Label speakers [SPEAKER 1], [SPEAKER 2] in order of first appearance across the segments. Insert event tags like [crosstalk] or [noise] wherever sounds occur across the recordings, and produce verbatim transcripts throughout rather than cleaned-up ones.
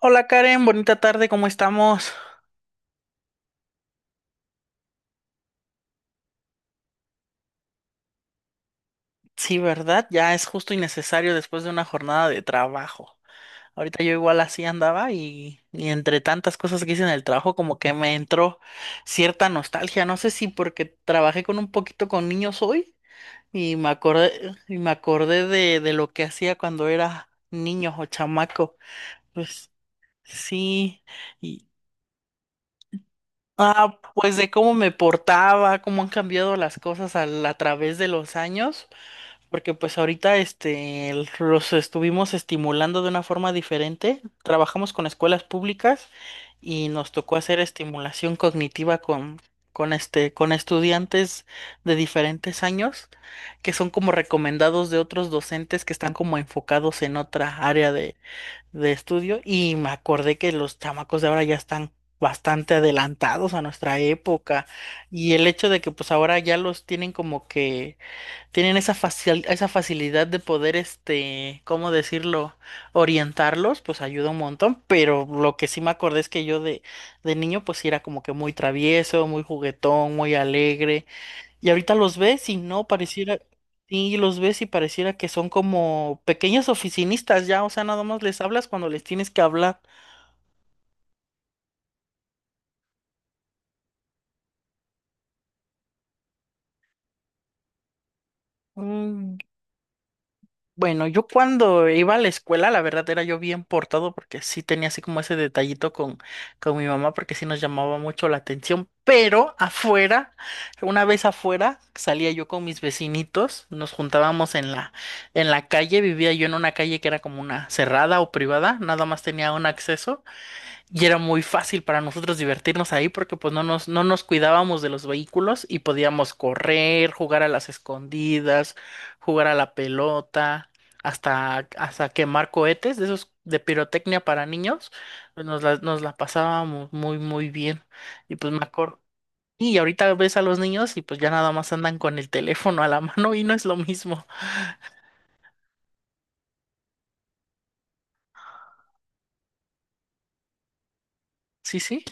[SPEAKER 1] Hola Karen, bonita tarde, ¿cómo estamos? Sí, ¿verdad? Ya es justo y necesario después de una jornada de trabajo. Ahorita yo igual así andaba y, y entre tantas cosas que hice en el trabajo como que me entró cierta nostalgia. No sé si porque trabajé con un poquito con niños hoy y me acordé, y me acordé de, de lo que hacía cuando era niño o chamaco. Pues sí. y- Ah, pues de cómo me portaba, cómo han cambiado las cosas al- a través de los años. Porque pues ahorita este el- los estuvimos estimulando de una forma diferente. Trabajamos con escuelas públicas y nos tocó hacer estimulación cognitiva con, con este, con estudiantes de diferentes años, que son como recomendados de otros docentes que están como enfocados en otra área de, de estudio. Y me acordé que los chamacos de ahora ya están bastante adelantados a nuestra época. Y el hecho de que pues ahora ya los tienen como que tienen esa facil- esa facilidad de poder, este, ¿cómo decirlo? Orientarlos, pues ayuda un montón, pero lo que sí me acordé es que yo de, de niño pues sí era como que muy travieso, muy juguetón, muy alegre, y ahorita los ves y no pareciera, y los ves y pareciera que son como pequeños oficinistas ya, o sea, nada más les hablas cuando les tienes que hablar. Mm. Bueno, yo cuando iba a la escuela, la verdad era yo bien portado porque sí tenía así como ese detallito con, con mi mamá porque sí nos llamaba mucho la atención, pero afuera, una vez afuera, salía yo con mis vecinitos, nos juntábamos en la, en la calle. Vivía yo en una calle que era como una cerrada o privada, nada más tenía un acceso. Y era muy fácil para nosotros divertirnos ahí porque pues no nos, no nos cuidábamos de los vehículos y podíamos correr, jugar a las escondidas, jugar a la pelota, hasta, hasta quemar cohetes de esos de pirotecnia para niños. pues, Nos la, nos la pasábamos muy, muy bien. Y pues me acuerdo. Y ahorita ves a los niños y pues ya nada más andan con el teléfono a la [laughs] mano y no es lo mismo. Sí, sí.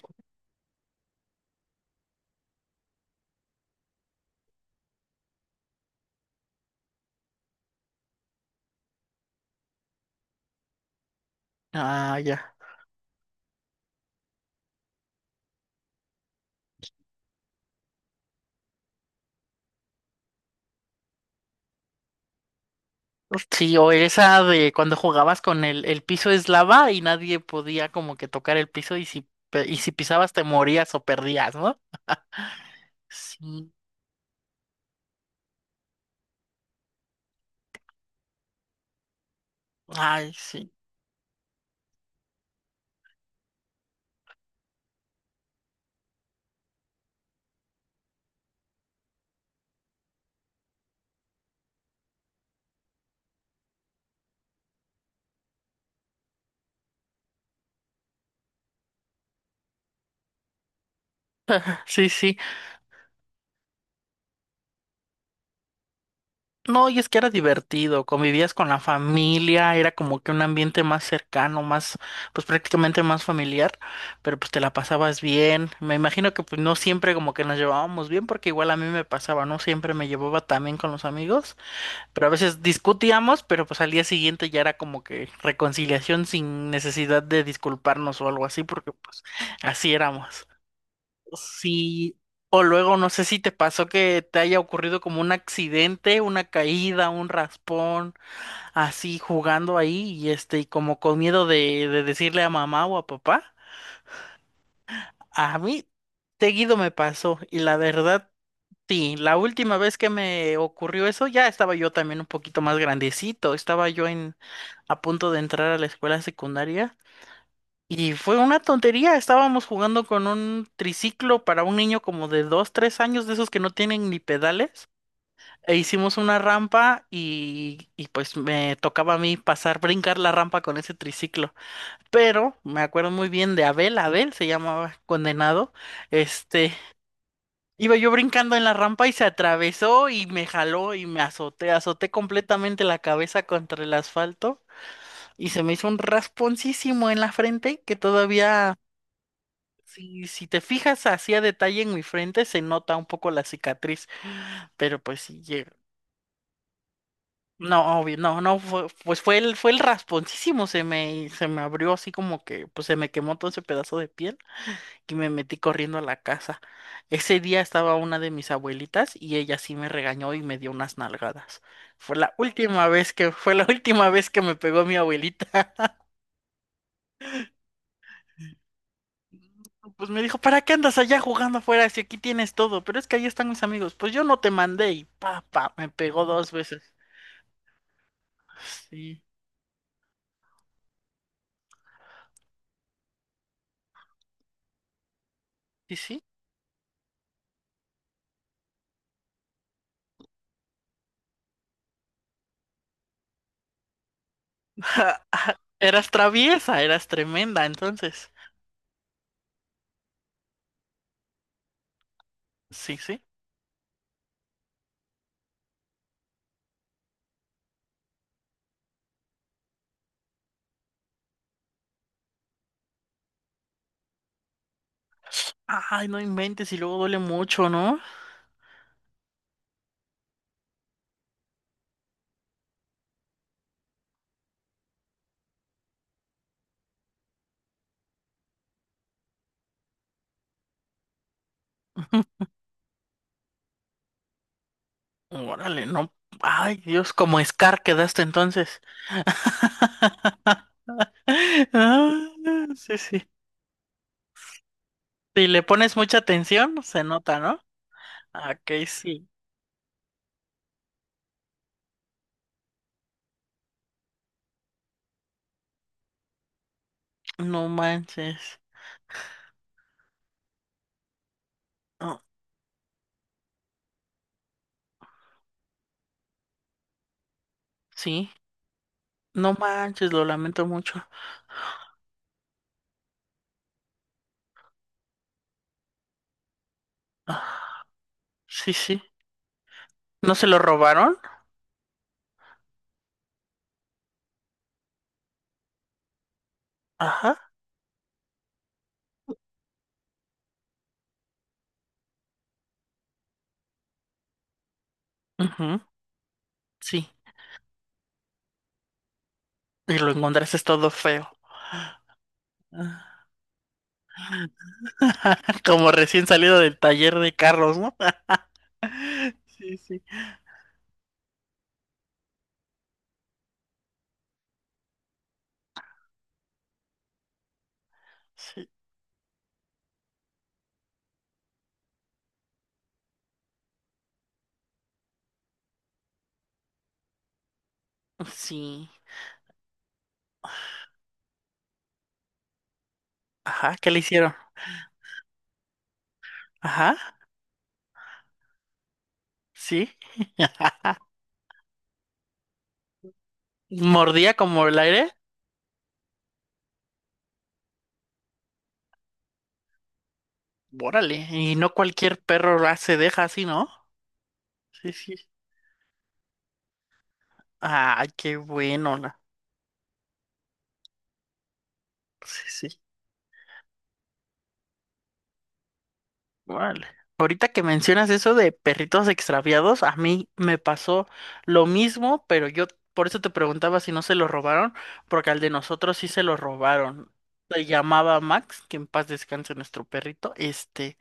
[SPEAKER 1] Ah, ya. Sí, o esa de cuando jugabas con el, el piso es lava y nadie podía como que tocar el piso, y si, pe- y si pisabas te morías o perdías, ¿no? Sí. Ay, sí. Sí, sí. No, y es que era divertido, convivías con la familia, era como que un ambiente más cercano, más, pues prácticamente más familiar, pero pues te la pasabas bien. Me imagino que pues no siempre como que nos llevábamos bien, porque igual a mí me pasaba, no siempre me llevaba tan bien con los amigos. Pero a veces discutíamos, pero pues al día siguiente ya era como que reconciliación sin necesidad de disculparnos o algo así, porque pues así éramos. Sí, o luego no sé si te pasó que te haya ocurrido como un accidente, una caída, un raspón, así jugando ahí y este, y como con miedo de, de decirle a mamá o a papá. A mí seguido me pasó y la verdad. Sí, la última vez que me ocurrió eso ya estaba yo también un poquito más grandecito. Estaba yo en a punto de entrar a la escuela secundaria y fue una tontería. Estábamos jugando con un triciclo para un niño como de dos, tres años, de esos que no tienen ni pedales, e hicimos una rampa y, y pues me tocaba a mí pasar, brincar la rampa con ese triciclo, pero me acuerdo muy bien de Abel. Abel se llamaba, condenado, este... Iba yo brincando en la rampa y se atravesó y me jaló y me azoté, azoté completamente la cabeza contra el asfalto, y se me hizo un rasponcísimo en la frente que todavía, si, si te fijas así a detalle en mi frente, se nota un poco la cicatriz, pero pues sí, lle- no, obvio no, no fue, pues fue el, fue el rasponcísimo, se me, se me abrió así como que, pues se me quemó todo ese pedazo de piel. Que me metí corriendo a la casa. Ese día estaba una de mis abuelitas y ella sí me regañó y me dio unas nalgadas. Fue la última vez que, fue la [laughs] última vez que me pegó mi abuelita. Pues me dijo, ¿para qué andas allá jugando afuera si aquí tienes todo? Pero es que ahí están mis amigos. Pues yo no te mandé. Y pa, pa, me pegó dos veces. Sí, sí, sí. [laughs] Eras traviesa, eras tremenda, entonces. Sí, sí. Ay, no inventes, y luego duele mucho, ¿no? Órale, no. Ay, Dios, como Scar quedaste entonces. [laughs] Ah, sí, sí. Si le pones mucha atención, se nota, ¿no? Ah, ok, sí. No manches. Oh, sí. No manches, lo lamento mucho. Ah, sí, sí. ¿No se lo robaron? Ajá. Ujú, sí. Y lo encontraste todo feo. Ah, [laughs] como recién salido del taller de carros, ¿no? [laughs] Sí, sí. Sí. Sí. Ajá, ¿qué le hicieron? Ajá. Sí, [laughs] mordía como el aire. Órale, y no cualquier perro la se deja así, ¿no? Sí, sí. Ah, qué bueno. la- Sí, sí. Órale. Ahorita que mencionas eso de perritos extraviados, a mí me pasó lo mismo, pero yo por eso te preguntaba si no se lo robaron, porque al de nosotros sí se lo robaron. Se llamaba Max, que en paz descanse nuestro perrito. Este.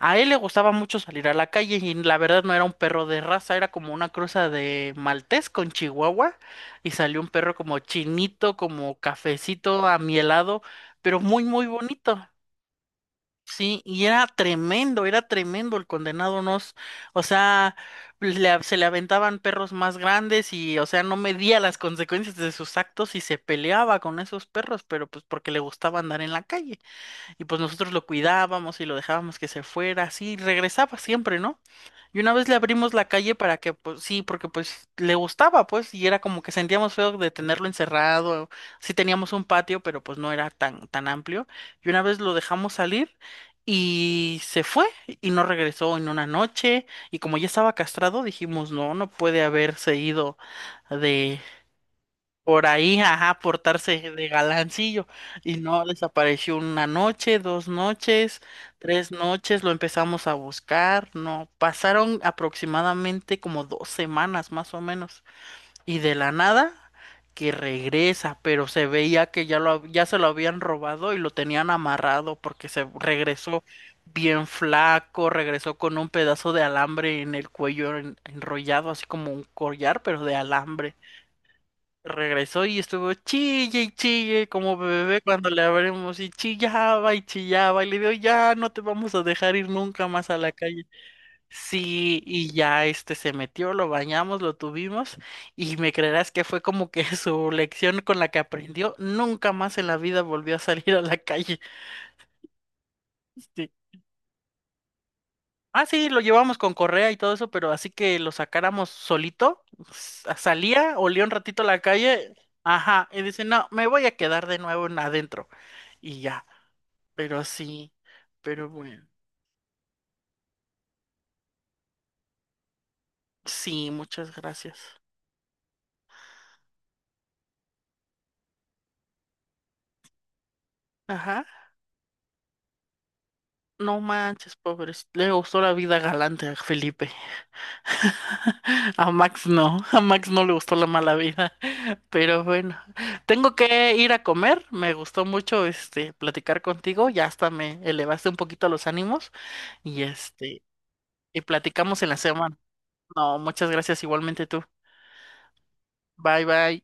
[SPEAKER 1] A él le gustaba mucho salir a la calle, y la verdad no era un perro de raza, era como una cruza de maltés con chihuahua, y salió un perro como chinito, como cafecito, amielado, pero muy muy bonito. Sí, y era tremendo, era tremendo el condenado. Nos, o sea, le se le aventaban perros más grandes y, o sea, no medía las consecuencias de sus actos y se peleaba con esos perros, pero pues porque le gustaba andar en la calle. Y pues nosotros lo cuidábamos y lo dejábamos que se fuera, así, y regresaba siempre, ¿no? Y una vez le abrimos la calle para que, pues sí, porque pues le gustaba, pues, y era como que sentíamos feo de tenerlo encerrado. Sí teníamos un patio, pero pues no era tan, tan amplio. Y una vez lo dejamos salir y se fue, y no regresó en una noche, y como ya estaba castrado, dijimos, no, no puede haberse ido por ahí, ajá, portarse de galancillo. Y no, desapareció una noche, dos noches, tres noches, lo empezamos a buscar. No, pasaron aproximadamente como dos semanas, más o menos. Y de la nada, que regresa, pero se veía que ya lo, hab- ya se lo habían robado y lo tenían amarrado, porque se regresó bien flaco, regresó con un pedazo de alambre en el cuello en- enrollado, así como un collar, pero de alambre. Regresó y estuvo chille y chille como bebé cuando le abrimos, y chillaba y chillaba, y le digo, ya no te vamos a dejar ir nunca más a la calle. Sí, y ya este se metió, lo bañamos, lo tuvimos, y me creerás que fue como que [laughs] su lección con la que aprendió, nunca más en la vida volvió a salir a la calle. Sí. Ah, sí, lo llevamos con correa y todo eso, pero así que lo sacáramos solito, s- salía, olía un ratito la calle, ajá, y dice, no, me voy a quedar de nuevo en adentro. Y ya. Pero sí, pero bueno, sí, muchas gracias. Ajá. No manches, pobres. Le gustó la vida galante a Felipe. [laughs] A Max no, [laughs] a Max no le gustó la mala vida. [laughs] Pero bueno, tengo que ir a comer. Me gustó mucho este platicar contigo. Ya hasta me elevaste un poquito los ánimos. Y este, y platicamos en la semana. No, muchas gracias, igualmente tú. Bye bye.